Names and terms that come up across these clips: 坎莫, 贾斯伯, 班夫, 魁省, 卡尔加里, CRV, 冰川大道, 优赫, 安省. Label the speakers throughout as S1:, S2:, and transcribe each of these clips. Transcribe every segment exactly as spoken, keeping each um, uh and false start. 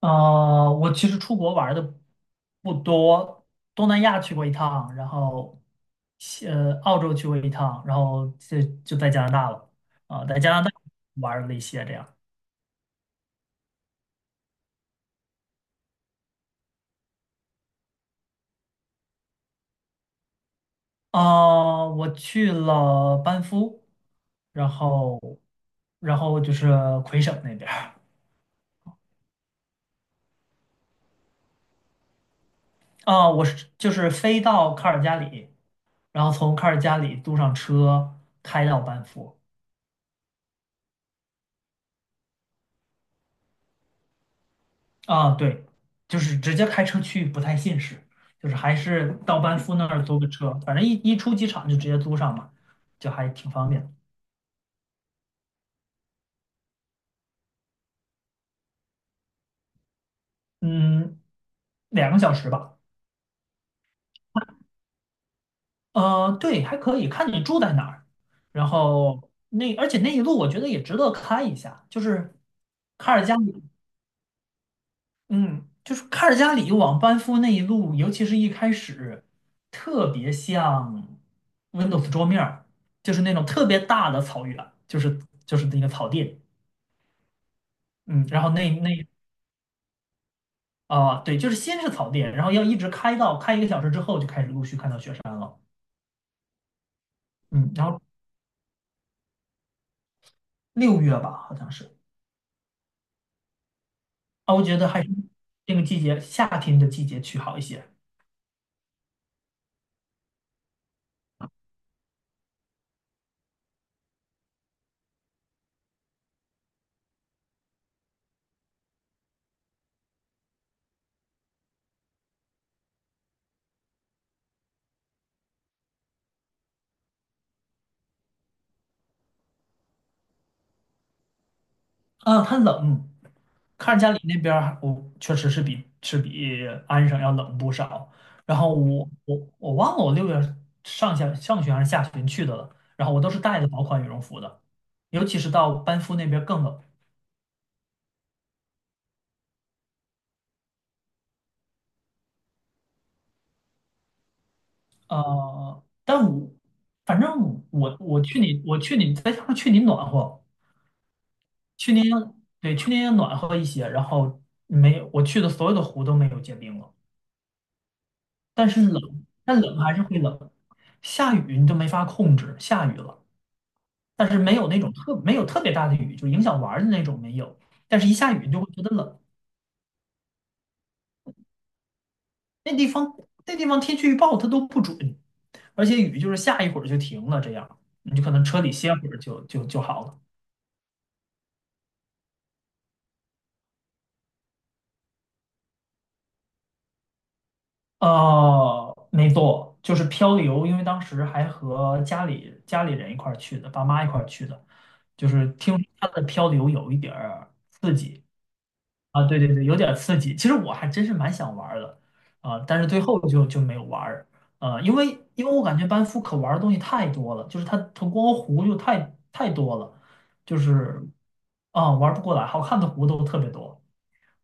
S1: 呃，我其实出国玩的不多，东南亚去过一趟，然后西呃澳洲去过一趟，然后就就在加拿大了啊，在加拿大玩了一些这样啊，我去了班夫，然后然后就是魁省那边儿啊，我是就是飞到卡尔加里，然后从卡尔加里租上车开到班夫。啊，对，就是直接开车去不太现实，就是还是到班夫那儿租个车，反正一一出机场就直接租上嘛，就还挺方便的。嗯，两个小时吧。呃，对，还可以，看你住在哪儿。然后那而且那一路我觉得也值得开一下，就是卡尔加里。嗯，就是卡尔加里往班夫那一路，尤其是一开始，特别像 Windows 桌面儿就是那种特别大的草原，就是就是那个草地。嗯，然后那那啊、对，就是先是草地，然后要一直开到开一个小时之后，就开始陆续看到雪山了。嗯，然后六月吧，好像是。啊，我觉得还是那个季节，夏天的季节去好一些。嗯，它冷。看着家里那边儿，我确实是比是比安省要冷不少。然后我我我忘了我六月上下上旬还是下旬去的了。然后我都是带的薄款羽绒服的，尤其是到班夫那边更冷。呃，但我反正我我去你我去你再加上去年暖和。去年，对，去年也暖和一些。然后没有我去的所有的湖都没有结冰了。但是冷，但冷还是会冷。下雨你就没法控制，下雨了。但是没有那种特没有特别大的雨，就影响玩儿的那种没有。但是一下雨你就会觉得冷。那地方那地方天气预报它都不准，而且雨就是下一会儿就停了，这样你就可能车里歇会儿就就就好了。呃，没错，就是漂流。因为当时还和家里家里人一块儿去的，爸妈一块儿去的，就是听说它的漂流有一点儿刺激。啊，对对对，有点刺激。其实我还真是蛮想玩儿的。啊、但是最后就就没有玩儿。呃，因为因为我感觉班夫可玩儿的东西太多了，就是它它光湖就太太多了，就是啊、玩儿不过来，好看的湖都特别多。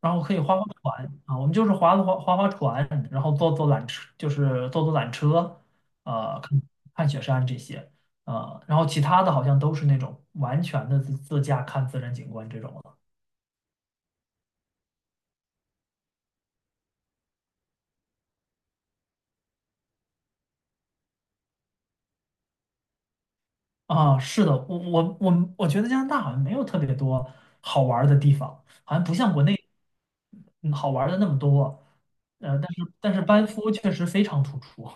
S1: 然后可以划划船啊，我们就是划划划划船，然后坐坐缆车，就是坐坐缆车。呃，看看雪山这些。呃，然后其他的好像都是那种完全的自自驾看自然景观这种。啊，是的，我我我我觉得加拿大好像没有特别多好玩儿的地方，好像不像国内嗯好玩儿的那么多。呃，但是但是班夫确实非常突出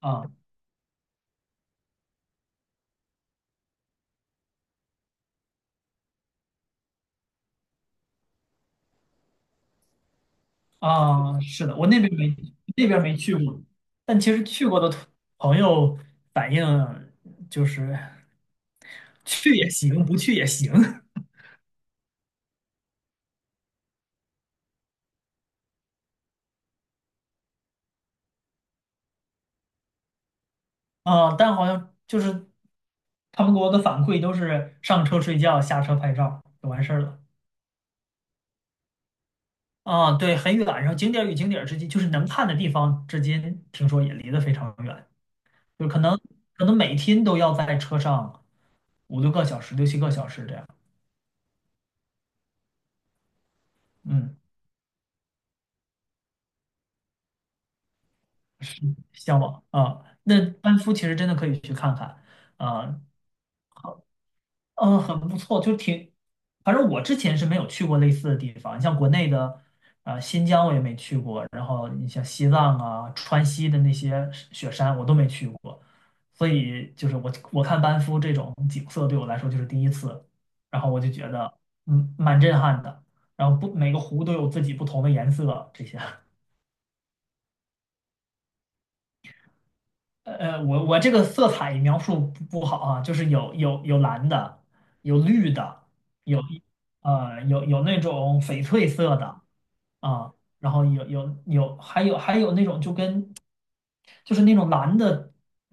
S1: 啊啊，是的，我那边没那边没去过，但其实去过的同朋友反映就是去也行，不去也行。 啊，但好像就是他们给我的反馈都是上车睡觉，下车拍照就完事儿了。啊，对，很远，然后景点儿与景点儿之间，就是能看的地方之间，听说也离得非常远，就可能可能每天都要在车上五六个小时、六七个小时这样。嗯，是向往啊。那班夫其实真的可以去看看啊。嗯，很不错，就挺，反正我之前是没有去过类似的地方。你像国内的，呃，新疆我也没去过，然后你像西藏啊、川西的那些雪山我都没去过，所以就是我我看班夫这种景色对我来说就是第一次。然后我就觉得嗯蛮震撼的。然后不每个湖都有自己不同的颜色，这些。 呃，我我这个色彩描述不不好啊，就是有有有蓝的，有绿的，有呃有有那种翡翠色的啊，然后有有有还有还有那种就跟就是那种蓝的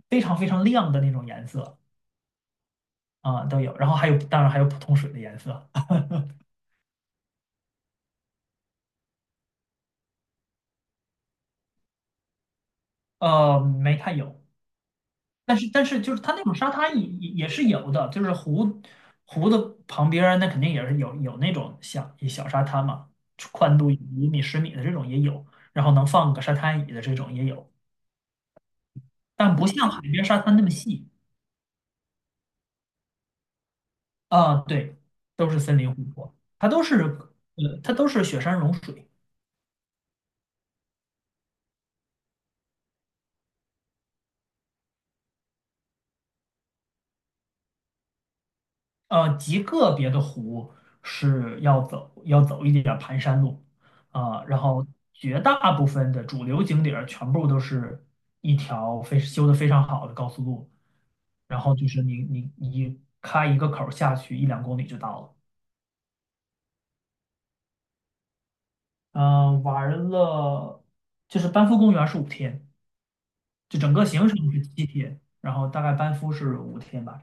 S1: 非常非常亮的那种颜色啊都有。然后还有当然还有普通水的颜色。呃，没太有。但是但是就是它那种沙滩也也也是有的，就是湖湖的旁边儿那肯定也是有有那种小小沙滩嘛，宽度一米十米的这种也有，然后能放个沙滩椅的这种也有，但不像海边沙滩那么细。啊，对，都是森林湖泊，它都是呃它都是雪山融水。呃，极个别的湖是要走要走一点儿盘山路啊。然后绝大部分的主流景点儿全部都是一条非修得非常好的高速路，然后就是你你你开一个口儿下去一两公里就到了。嗯、玩了就是班夫公园是五天，就整个行程是七天，然后大概班夫是五天吧。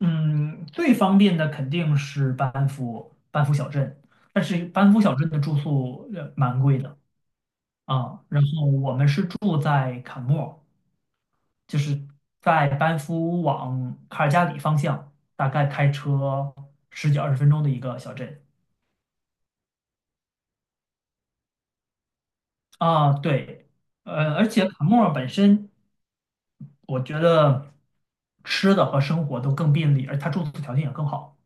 S1: 嗯，最方便的肯定是班夫班夫小镇，但是班夫小镇的住宿呃蛮贵的啊。然后我们是住在坎莫，就是在班夫往卡尔加里方向，大概开车十几二十分钟的一个小镇。啊。对。呃，而且坎莫本身，我觉得吃的和生活都更便利，而它住宿条件也更好。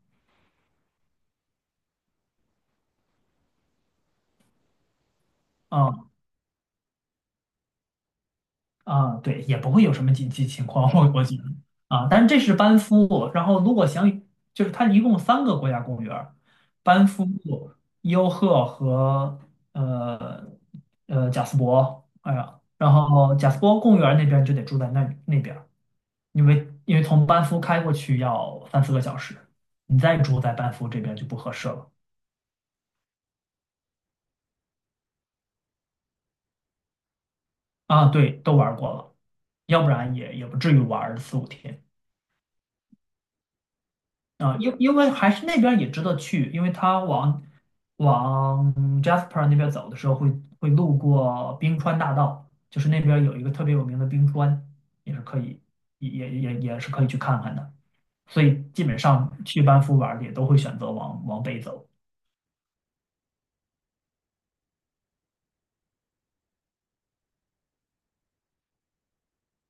S1: 啊。啊，对，也不会有什么紧急情况，我我觉得啊。但是这是班夫，然后如果想就是它一共三个国家公园儿，班夫、优赫和呃呃贾斯伯，哎呀，然后贾斯伯公园儿那边儿就得住在那那边儿。因为因为从班夫开过去要三四个小时，你再住在班夫这边就不合适了。啊，对，都玩儿过了，要不然也也不至于玩儿四五天。啊，因因为还是那边儿也值得去，因为它往往 Jasper 那边走的时候会会路过冰川大道，就是那边儿有一个特别有名的冰川，也是可以也也也也是可以去看看的。所以基本上去班夫玩儿的也都会选择往往北走。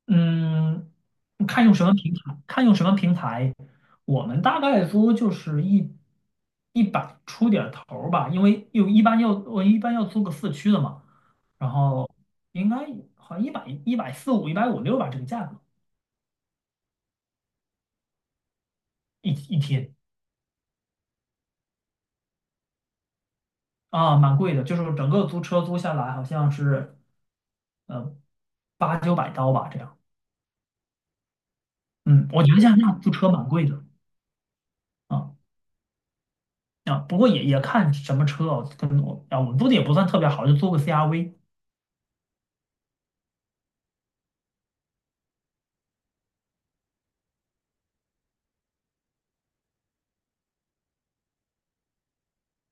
S1: 嗯，看用什么平台，看用什么平台，我们大概租就是一一百出点儿头儿吧，因为又一般要我一般要租个四驱的嘛，然后应该好像一百一百四五、一百五六吧，这个价格一一天。啊，蛮贵的，就是整个租车租下来好像是呃八九百刀吧，这样。嗯，我觉得加拿大租车蛮贵的。啊。啊，不过也也看什么车哦，跟我啊，我们租的也不算特别好，就租个 C R V。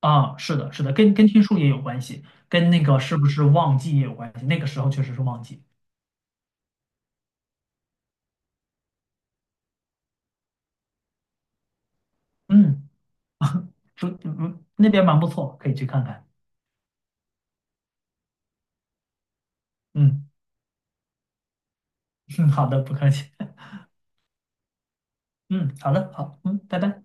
S1: 啊，是的，是的，跟跟天数也有关系，跟那个是不是旺季也有关系。那个时候确实是旺季。嗯嗯，那边蛮不错，可以去看看。嗯，嗯，好的，不客气。嗯，好的，好，嗯，拜拜。